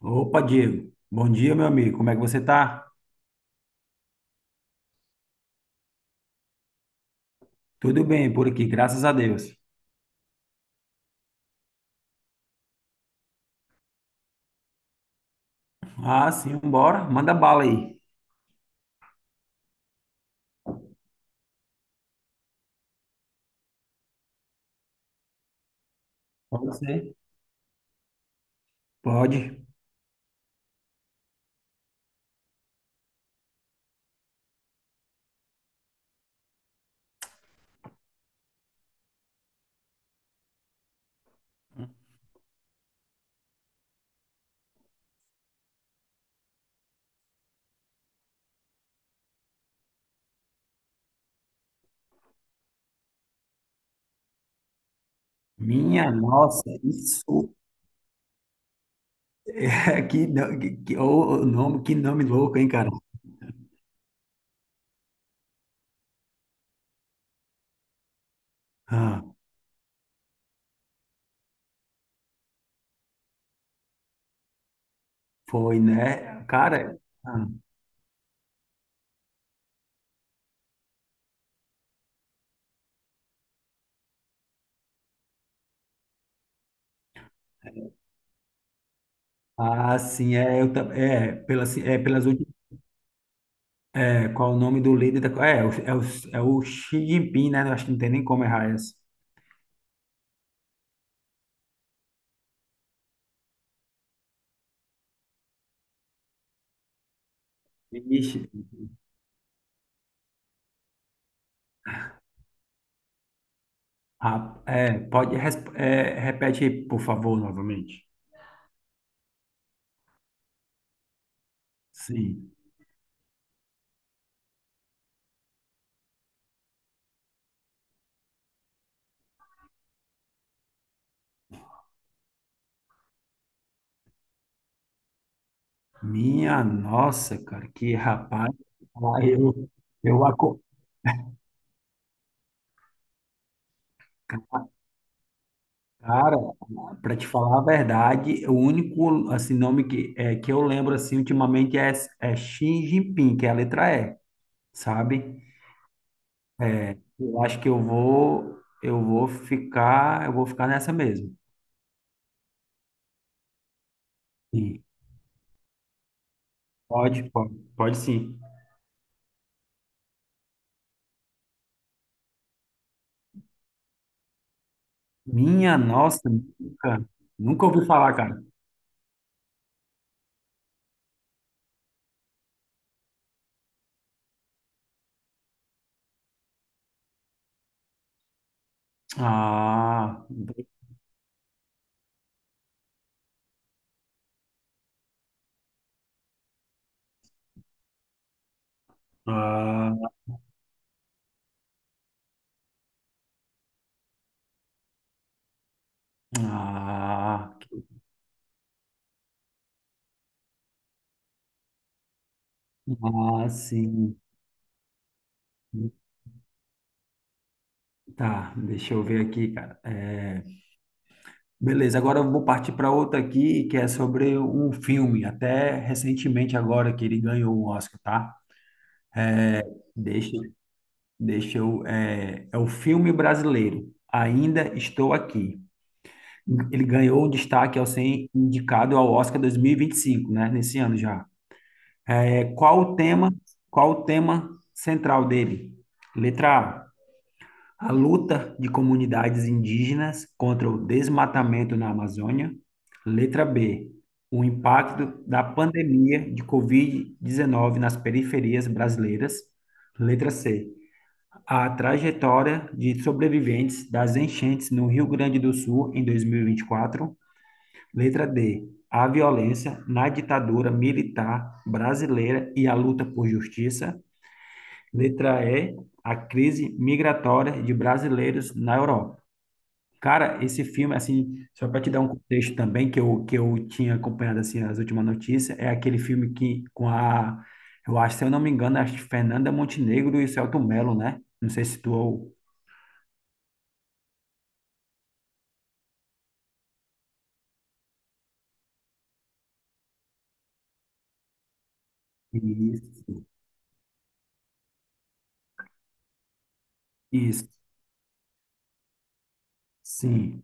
Opa, Diego. Bom dia, meu amigo. Como é que você tá? Tudo bem por aqui, graças a Deus. Ah, sim, bora. Manda bala aí. Pode ser? Pode. Minha nossa, isso é que, no- que- ô, ô, nome, que nome louco, hein, cara? Ah, foi, né? Cara, ah, ah, sim, é, eu, tam- é, pelas últimas, é, qual o nome do líder da, é, o- é, o, é o Xi Jinping, né? Eu acho que não tem nem como errar essa. Vixe. Ah, é, pode, é, repete aí, por favor, novamente. Sim. Minha nossa, cara, que rapaz. Ah, Eu, eu, aco- Cara, para te falar a verdade, o único assim, que eu lembro assim, ultimamente é Xi Jinping, que é a letra E, sabe? Eu acho que eu vou ficar, Eu vou ficar nessa mesmo. Sim. Pode, pode, pode sim. Minha nossa, nunca, nunca ouvi falar, cara. Ah, ah, ah, ah, sim. Tá, deixa eu ver aqui, cara. É, beleza, agora eu vou partir para outra aqui, que é sobre um filme, até recentemente agora que ele ganhou o Oscar, tá? Deixa, É o filme brasileiro, Ainda Estou Aqui. Ele ganhou o destaque ao ser indicado ao Oscar dois mil e vinte e cinco, né? Nesse ano já. É qual o tema, qual o tema central dele? Letra A, a luta de comunidades indígenas contra o desmatamento na Amazônia. Letra B, o impacto da pandemia de Covid-19 nas periferias brasileiras. Letra C, a trajetória de sobreviventes das enchentes no Rio Grande do Sul em 2024. Letra D, a violência na ditadura militar brasileira e a luta por justiça. Letra E, a crise migratória de brasileiros na Europa. Cara, esse filme, assim, só para te dar um contexto também, que eu tinha acompanhado, assim, as últimas notícias, é aquele filme eu acho, se eu não me engano, acho que Fernanda Montenegro e o Selton Mello, né? Não sei se tu... Isso, isso, sim.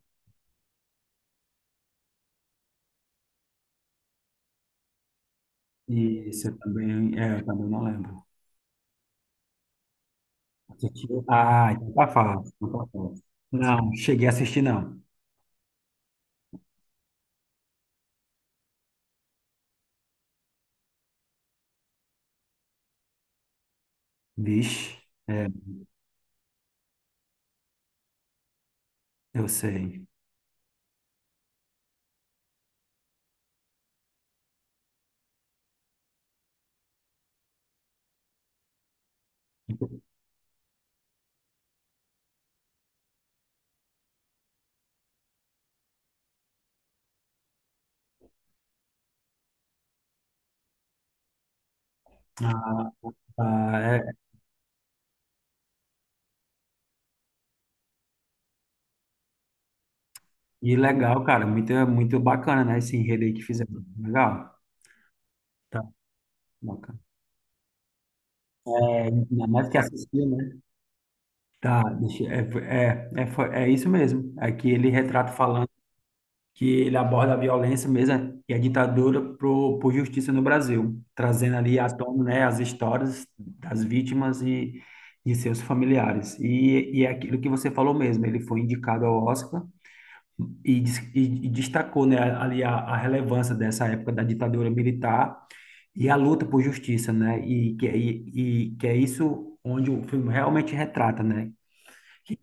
Isso, eu também, é, eu também não lembro. Assistiu? Ah, então tá fácil, então tá fácil. Não, cheguei a assistir, não. Vixe, é, eu sei. Ah, ah, é, e legal, cara, muito, muito bacana, né, esse enredo aí que fizemos. Legal? Tá, bacana. É, ainda mais que assistir, né? Tá, deixa, é, é, é, foi- é Isso mesmo. Aqui ele retrata falando que ele aborda a violência mesmo né, e a ditadura pro, por justiça no Brasil, trazendo ali à tona, né, as histórias das vítimas e de seus familiares. E é aquilo que você falou mesmo, ele foi indicado ao Oscar e destacou, né, ali a relevância dessa época da ditadura militar e a luta por justiça, né, e que é isso onde o filme realmente retrata, né, que,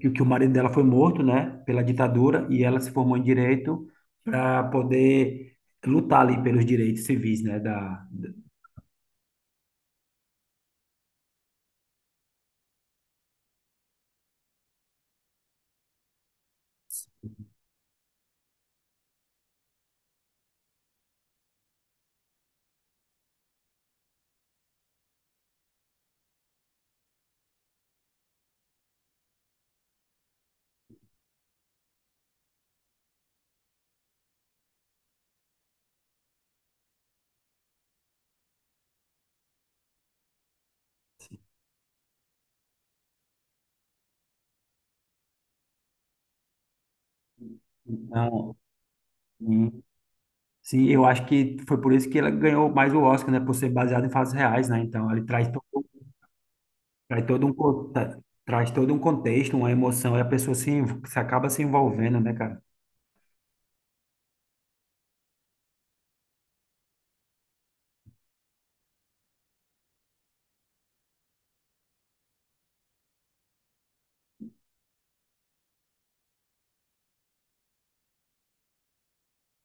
que o marido dela foi morto, né, pela ditadura e ela se formou em direito para poder lutar ali pelos direitos civis, né, então, sim, sim, eu acho que foi por isso que ela ganhou mais o Oscar, né, por ser baseado em fatos reais, né, então ele traz todo Traz todo um, con- tra- traz todo um contexto, uma emoção, e a pessoa se, env- se acaba se envolvendo, né, cara?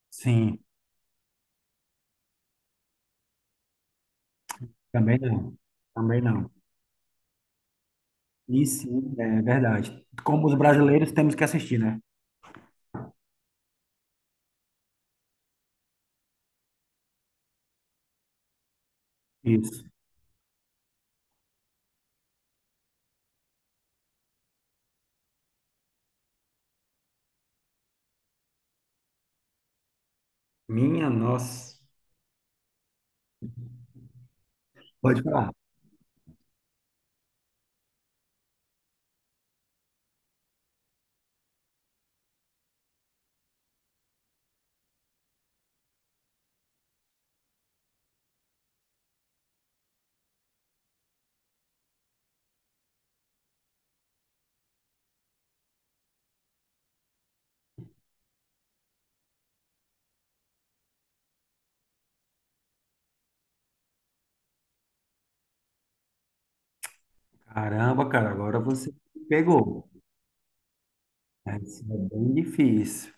Sim, também não. Também não. E sim, é verdade. Como os brasileiros temos que assistir, né? Isso. Minha nossa. Pode falar. Caramba, cara, agora você me pegou. Isso é bem difícil.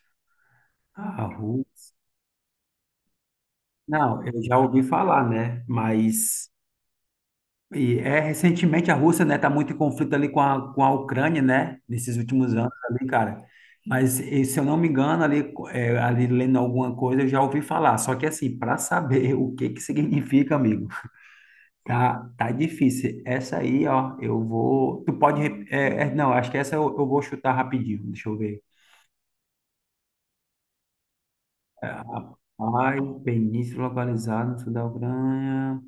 A Rússia. Não, eu já ouvi falar, né? Mas e é, recentemente a Rússia, né, tá muito em conflito ali com a Ucrânia, né, nesses últimos anos ali, cara. Mas e, se eu não me engano, ali, é, ali lendo alguma coisa, eu já ouvi falar. Só que assim, para saber o que que significa, amigo, tá, tá difícil. Essa aí, ó, eu vou. Tu pode. Rep- É, é, não, acho que essa eu vou chutar rapidinho. Deixa eu ver. É, ai, península localizada no sul da Ucrânia.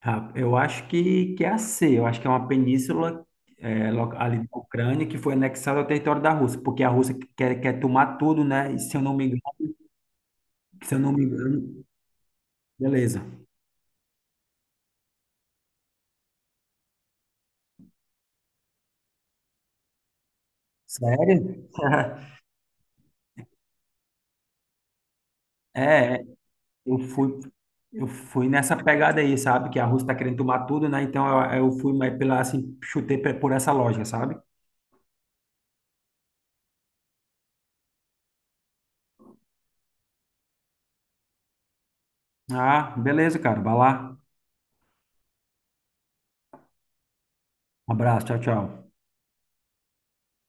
Que é a C, eu acho que é uma península ali da Ucrânia que foi anexada ao território da Rússia, porque a Rússia quer tomar tudo, né? E se eu não me engano, se eu não me engano, beleza. Sério? É, é, eu fui, eu fui nessa pegada aí, sabe? Que a Rússia tá querendo tomar tudo, né? Então eu fui mais pela, assim, por essa lógica, sabe? Ah, beleza, cara, vai lá. Um abraço, tchau, tchau.